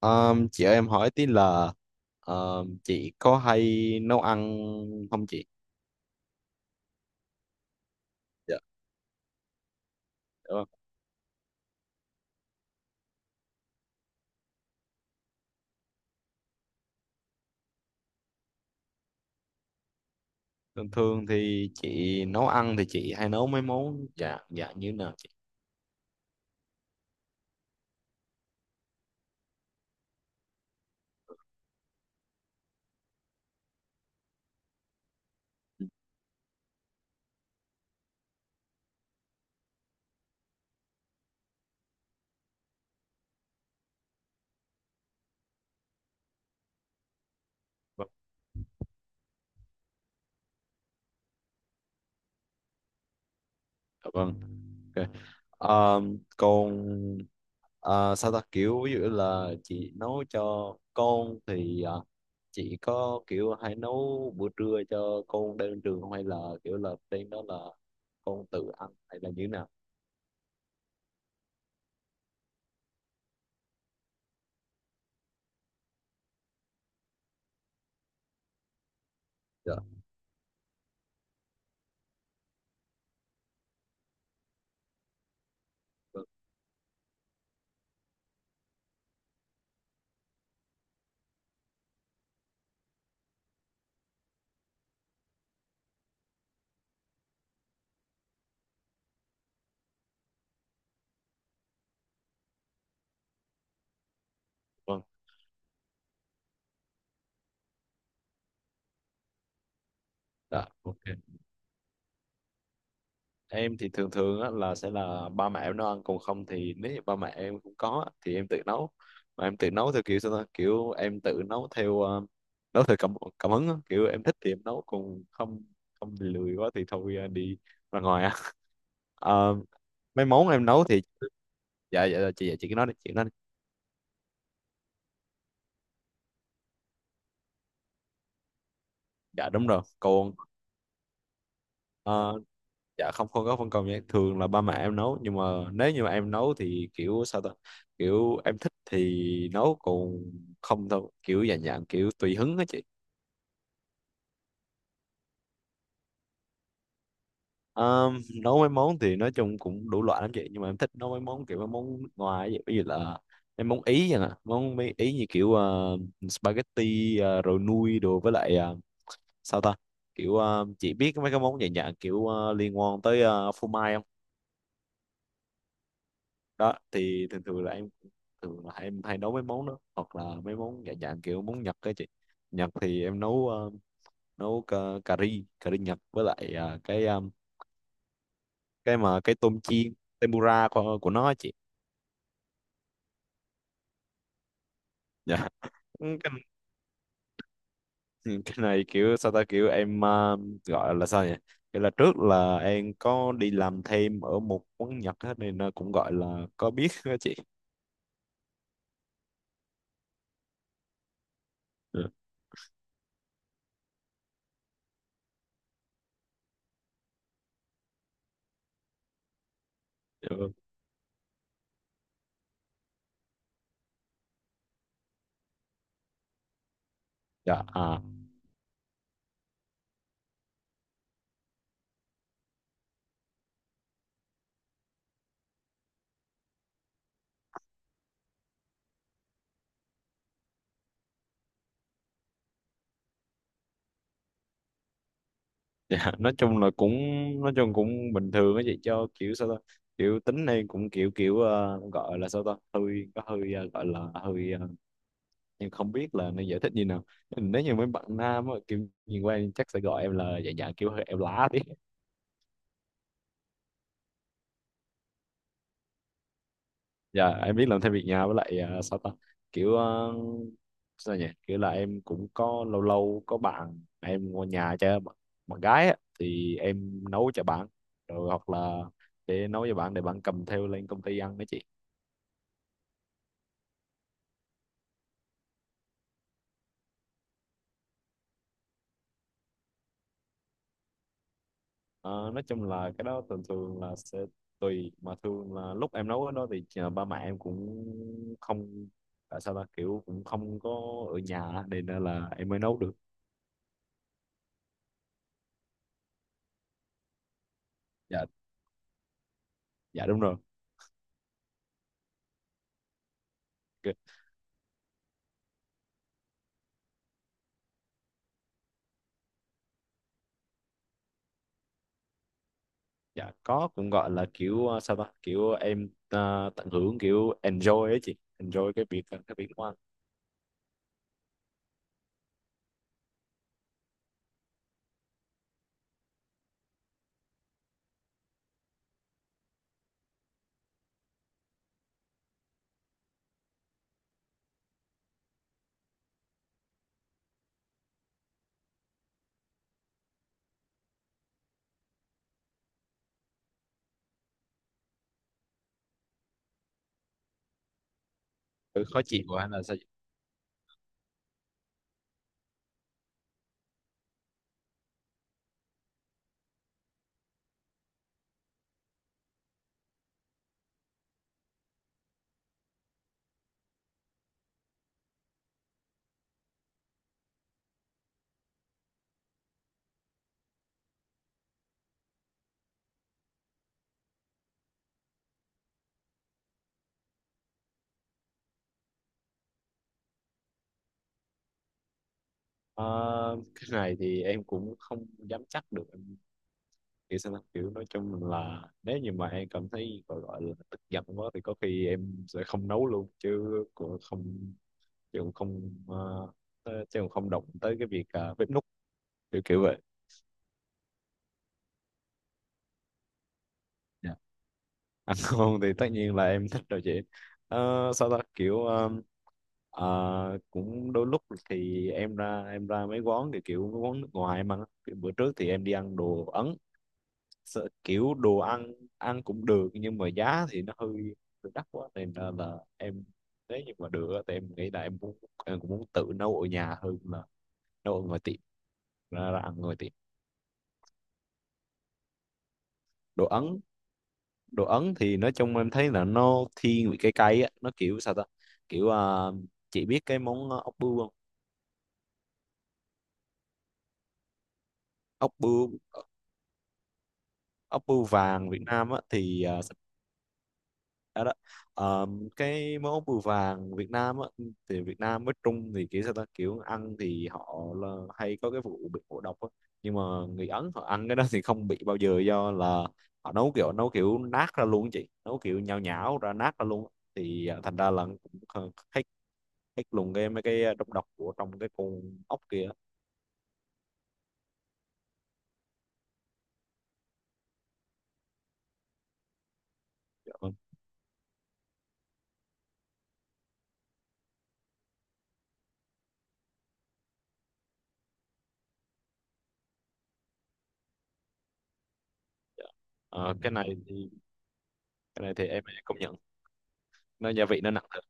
Chị ơi, em hỏi tí là chị có hay nấu ăn không chị? Dạ. Đúng không? Thường thường thì chị nấu ăn thì chị hay nấu mấy món dạ dạ như thế nào chị? Dạ vâng. Ok. Còn sao ta, kiểu ví dụ là chị nấu cho con thì chị có kiểu hay nấu bữa trưa cho con đem đến trường không, hay là kiểu là đem, đó là con tự ăn hay là như thế nào? Dạ. Vâng. Vâng. Dạ. Ok. Em thì thường thường á, là sẽ là ba mẹ em nấu ăn, còn không thì nếu như ba mẹ em không có á, thì em tự nấu. Mà em tự nấu theo kiểu sao ta, kiểu em tự nấu theo cảm cảm hứng á. Kiểu em thích thì em nấu, còn không không thì lười quá thì thôi, đi ra ngoài á. Ờ, Mấy món em nấu thì, dạ dạ dạ, chị. Dạ, chị cứ nói đi, chị nói đi. Dạ đúng rồi, còn ờ, dạ, không không có phân công nha, thường là ba mẹ em nấu nhưng mà nếu như mà em nấu thì kiểu sao ta, kiểu em thích thì nấu, còn không thôi, kiểu dạng dạng kiểu tùy hứng á chị. Ờm, Nấu mấy món thì nói chung cũng đủ loại lắm chị, nhưng mà em thích nấu mấy món kiểu mấy món nước ngoài vậy, ví dụ là em món ý vậy nè, món mấy ý như kiểu spaghetti, rồi nui đồ, với lại sao ta, kiểu chị biết mấy cái món dạng dạng kiểu liên quan tới phô mai không? Đó thì thường thường là em, thường là em hay nấu mấy món đó, hoặc là mấy món dạng dạng kiểu món Nhật á chị. Nhật thì em nấu cà ri Nhật, với lại cái cái mà cái tôm chiên tempura của nó á chị. Dạ. Ừ, cái này kiểu sao ta, kiểu em gọi là sao nhỉ, kiểu là trước là em có đi làm thêm ở một quán Nhật á, nên nó cũng gọi là có biết á chị. Ừ. Dạ, à. Dạ, nói chung cũng bình thường á chị, cho kiểu sao ta, kiểu tính này cũng kiểu kiểu gọi là sao ta, hơi có hơi gọi là hơi, em không biết là nên giải thích như nào. Nếu như mấy bạn nam á, kiểu nhìn qua em chắc sẽ gọi em là, dạ dạ kiểu hơi em lá tí. Dạ, em biết làm thêm việc nhà, với lại sao ta, kiểu sao nhỉ, kiểu là em cũng có lâu lâu có bạn em qua nhà, bạn gái á, thì em nấu cho bạn, rồi hoặc là để nấu cho bạn để bạn cầm theo lên công ty ăn đó chị. Ờ, nói chung là cái đó thường thường là sẽ tùy, mà thường là lúc em nấu cái đó thì ba mẹ em cũng không, tại sao ta, kiểu cũng không có ở nhà á, nên là em mới nấu được. Dạ, dạ đúng rồi. Kì- dạ có, cũng gọi là kiểu sao ta, kiểu em tận hưởng, kiểu enjoy ấy chị, enjoy cái việc nấu ăn. Ừ, khó chịu quá hay là sao chị? Ờ, cái này thì em cũng không dám chắc được, kiểu sao ta? Kiểu nói chung là nếu như mà em cảm thấy gọi gọi là tức giận quá thì có khi em sẽ không nấu luôn, chứ cũng không, chứ cũng không, chứ cũng không động tới cái việc, à, bếp núc, kiểu kiểu vậy. Dạ. Ăn ngon thì tất nhiên là em thích rồi chị. Sao ta, kiểu cũng đôi lúc thì em ra mấy quán, thì kiểu mấy quán nước ngoài mà, kiểu bữa trước thì em đi ăn đồ Ấn, sợ kiểu đồ ăn ăn cũng được nhưng mà giá thì nó hơi hơi đắt quá, nên là em, nếu như mà được á, thì em nghĩ là em muốn, em cũng muốn tự nấu ở nhà hơn là nấu ở ngoài tiệm, ra ăn ngoài tiệm. Đồ Ấn, đồ Ấn thì nói chung em thấy là nó thiên vị cái cay á, nó kiểu sao ta, kiểu à, chị biết cái món ốc bươu không? Ốc bươu ốc bươu vàng Việt Nam á thì à. Dạ đó. Ờ, cái món bùi vàng Việt Nam á, thì Việt Nam với Trung thì kiểu sao ta, kiểu ăn thì họ là hay có cái vụ bị ngộ độc á. Nhưng mà người Ấn họ ăn cái đó thì không bị bao giờ, do là họ nấu kiểu nát ra luôn á chị, nấu kiểu nhão nhão ra, nát ra luôn á. Thì thành ra là cũng hết hết luôn cái mấy cái độc độc của trong cái con ốc kia á. Dạ vâng. Ờ, cái này thì cái này thì em công nhận, nó gia vị nó nặng thật.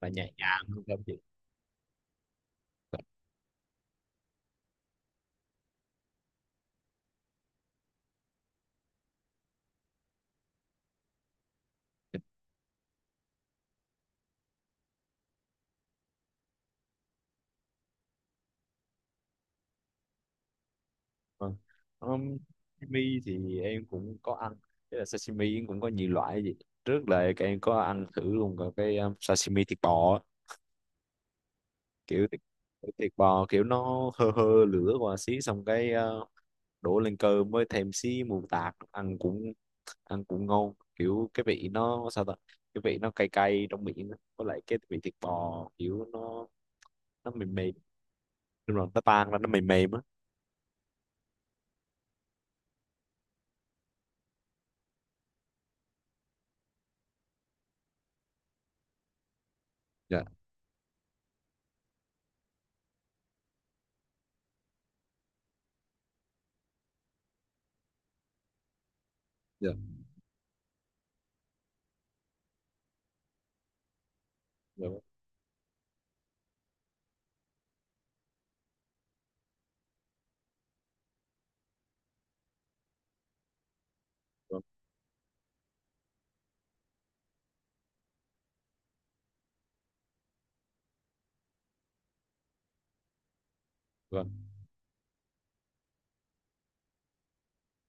Là nhẹ nhàng hơn không chị? Vâng. Um, Sashimi thì em cũng có ăn. Thế là sashimi em cũng có nhiều loại gì, trước là cái em có ăn thử luôn cả cái sashimi thịt bò á. Kiểu thịt bò, kiểu nó hơ hơ lửa qua xí, xong cái uh, đổ lên cơm với thêm xí mù tạt, ăn cũng ngon, kiểu cái vị nó sao ta, cái vị nó cay cay trong miệng á. Với lại cái vị thịt bò kiểu nó mềm mềm, nhưng mà nó tan ra, nó mềm mềm á. Dạ, dạ. Dạ, vâng. Vâng.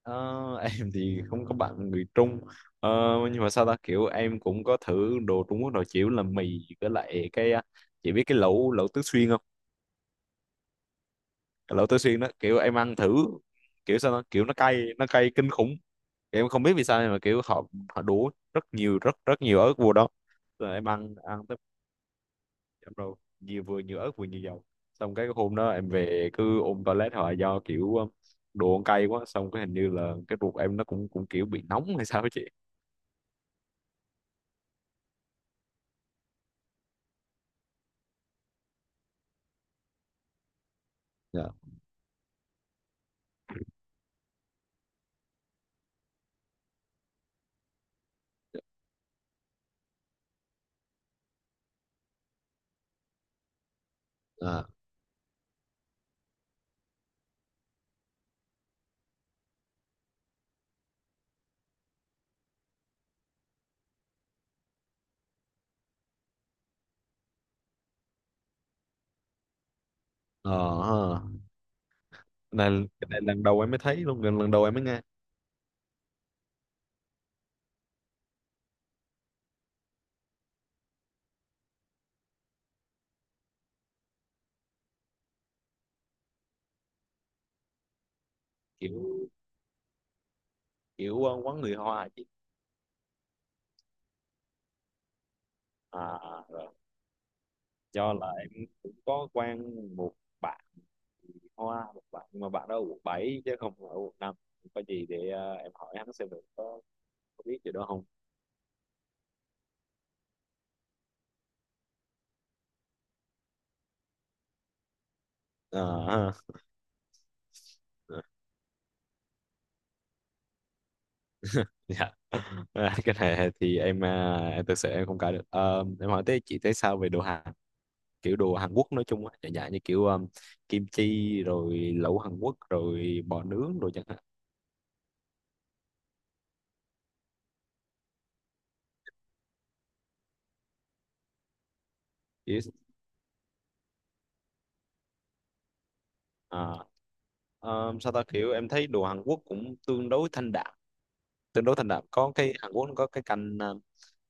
Ờ, em thì không có bạn người Trung. Ờ, nhưng mà sao ta, kiểu em cũng có thử đồ Trung Quốc, đồ chịu là mì với lại cái à, chị biết cái lẩu lẩu Tứ Xuyên không? Cái lẩu Tứ Xuyên đó kiểu em ăn thử, kiểu sao ta, kiểu nó cay, nó cay kinh khủng. Kiểu em không biết vì sao, nhưng mà kiểu họ họ đổ rất nhiều, rất rất nhiều ớt vô đó, rồi em ăn ăn tới chậm, rồi nhiều, vừa nhiều ớt vừa nhiều dầu, xong cái hôm đó em về cứ ôm toilet hoài, do kiểu đồ ăn cay quá, xong cái hình như là cái ruột em nó cũng cũng kiểu bị nóng hay sao á chị. Dạ. À, ờ ha. Cái này lần đầu em mới thấy luôn, gần lần đầu em mới nghe. Kiểu kiểu quán người Hoa chị? À rồi. Do là em cũng có quen một bạn người Hoa, một bạn, nhưng mà bạn đó ở quận 7 chứ không ở quận 5, có gì để em hỏi hắn xem được, có biết gì đó không. Ờ ha. Dạ. À, cái này thì em à, em thực sự em không cãi được. Ờ, em hỏi tới, chị thấy sao về đồ Hàn, kiểu đồ Hàn Quốc nói chung á, dạ dạ như kiểu kim chi rồi lẩu Hàn Quốc rồi bò nướng rồi chẳng. Yes. À, sao ta, kiểu em thấy đồ Hàn Quốc cũng tương đối thanh đạm. Có cái Hàn Quốc nó có cái canh à,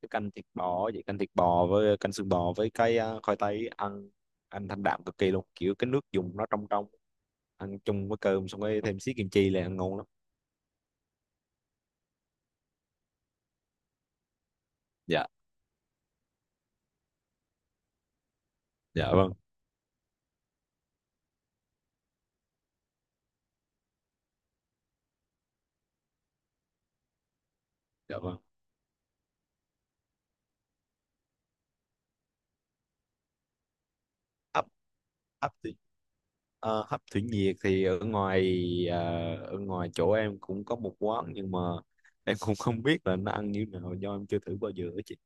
cái canh thịt bò vậy, canh thịt bò với canh xương bò với cái à, khoai tây, ăn ăn thanh đạm cực kỳ luôn, kiểu cái nước dùng nó trong trong, ăn chung với cơm xong rồi thêm xí kim chi là ăn ngon lắm. Dạ, dạ vâng. Dạ vâng. Hấp hấp thủy, ờ, hấp thủy nhiệt thì ờ, ở ngoài chỗ em cũng có một quán, nhưng mà em cũng không biết là nó ăn như nào, do em chưa thử bao giờ ấy chị.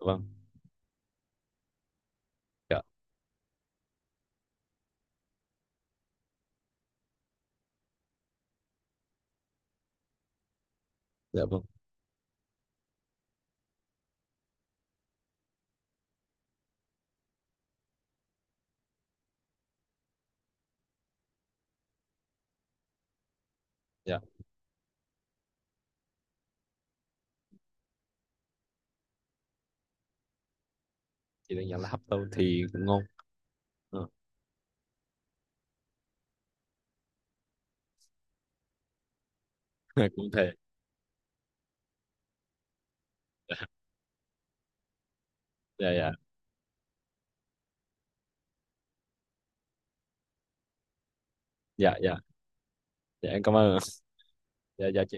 Vâng. Dạ, dạ vâng. Dạ, chị đang nhận là hấp tôm thì cũng ngon. Ờ, cũng thề. Dạ, dạ, dạ, dạ, dạ, em cảm ơn ạ. Dạ, dạ chị.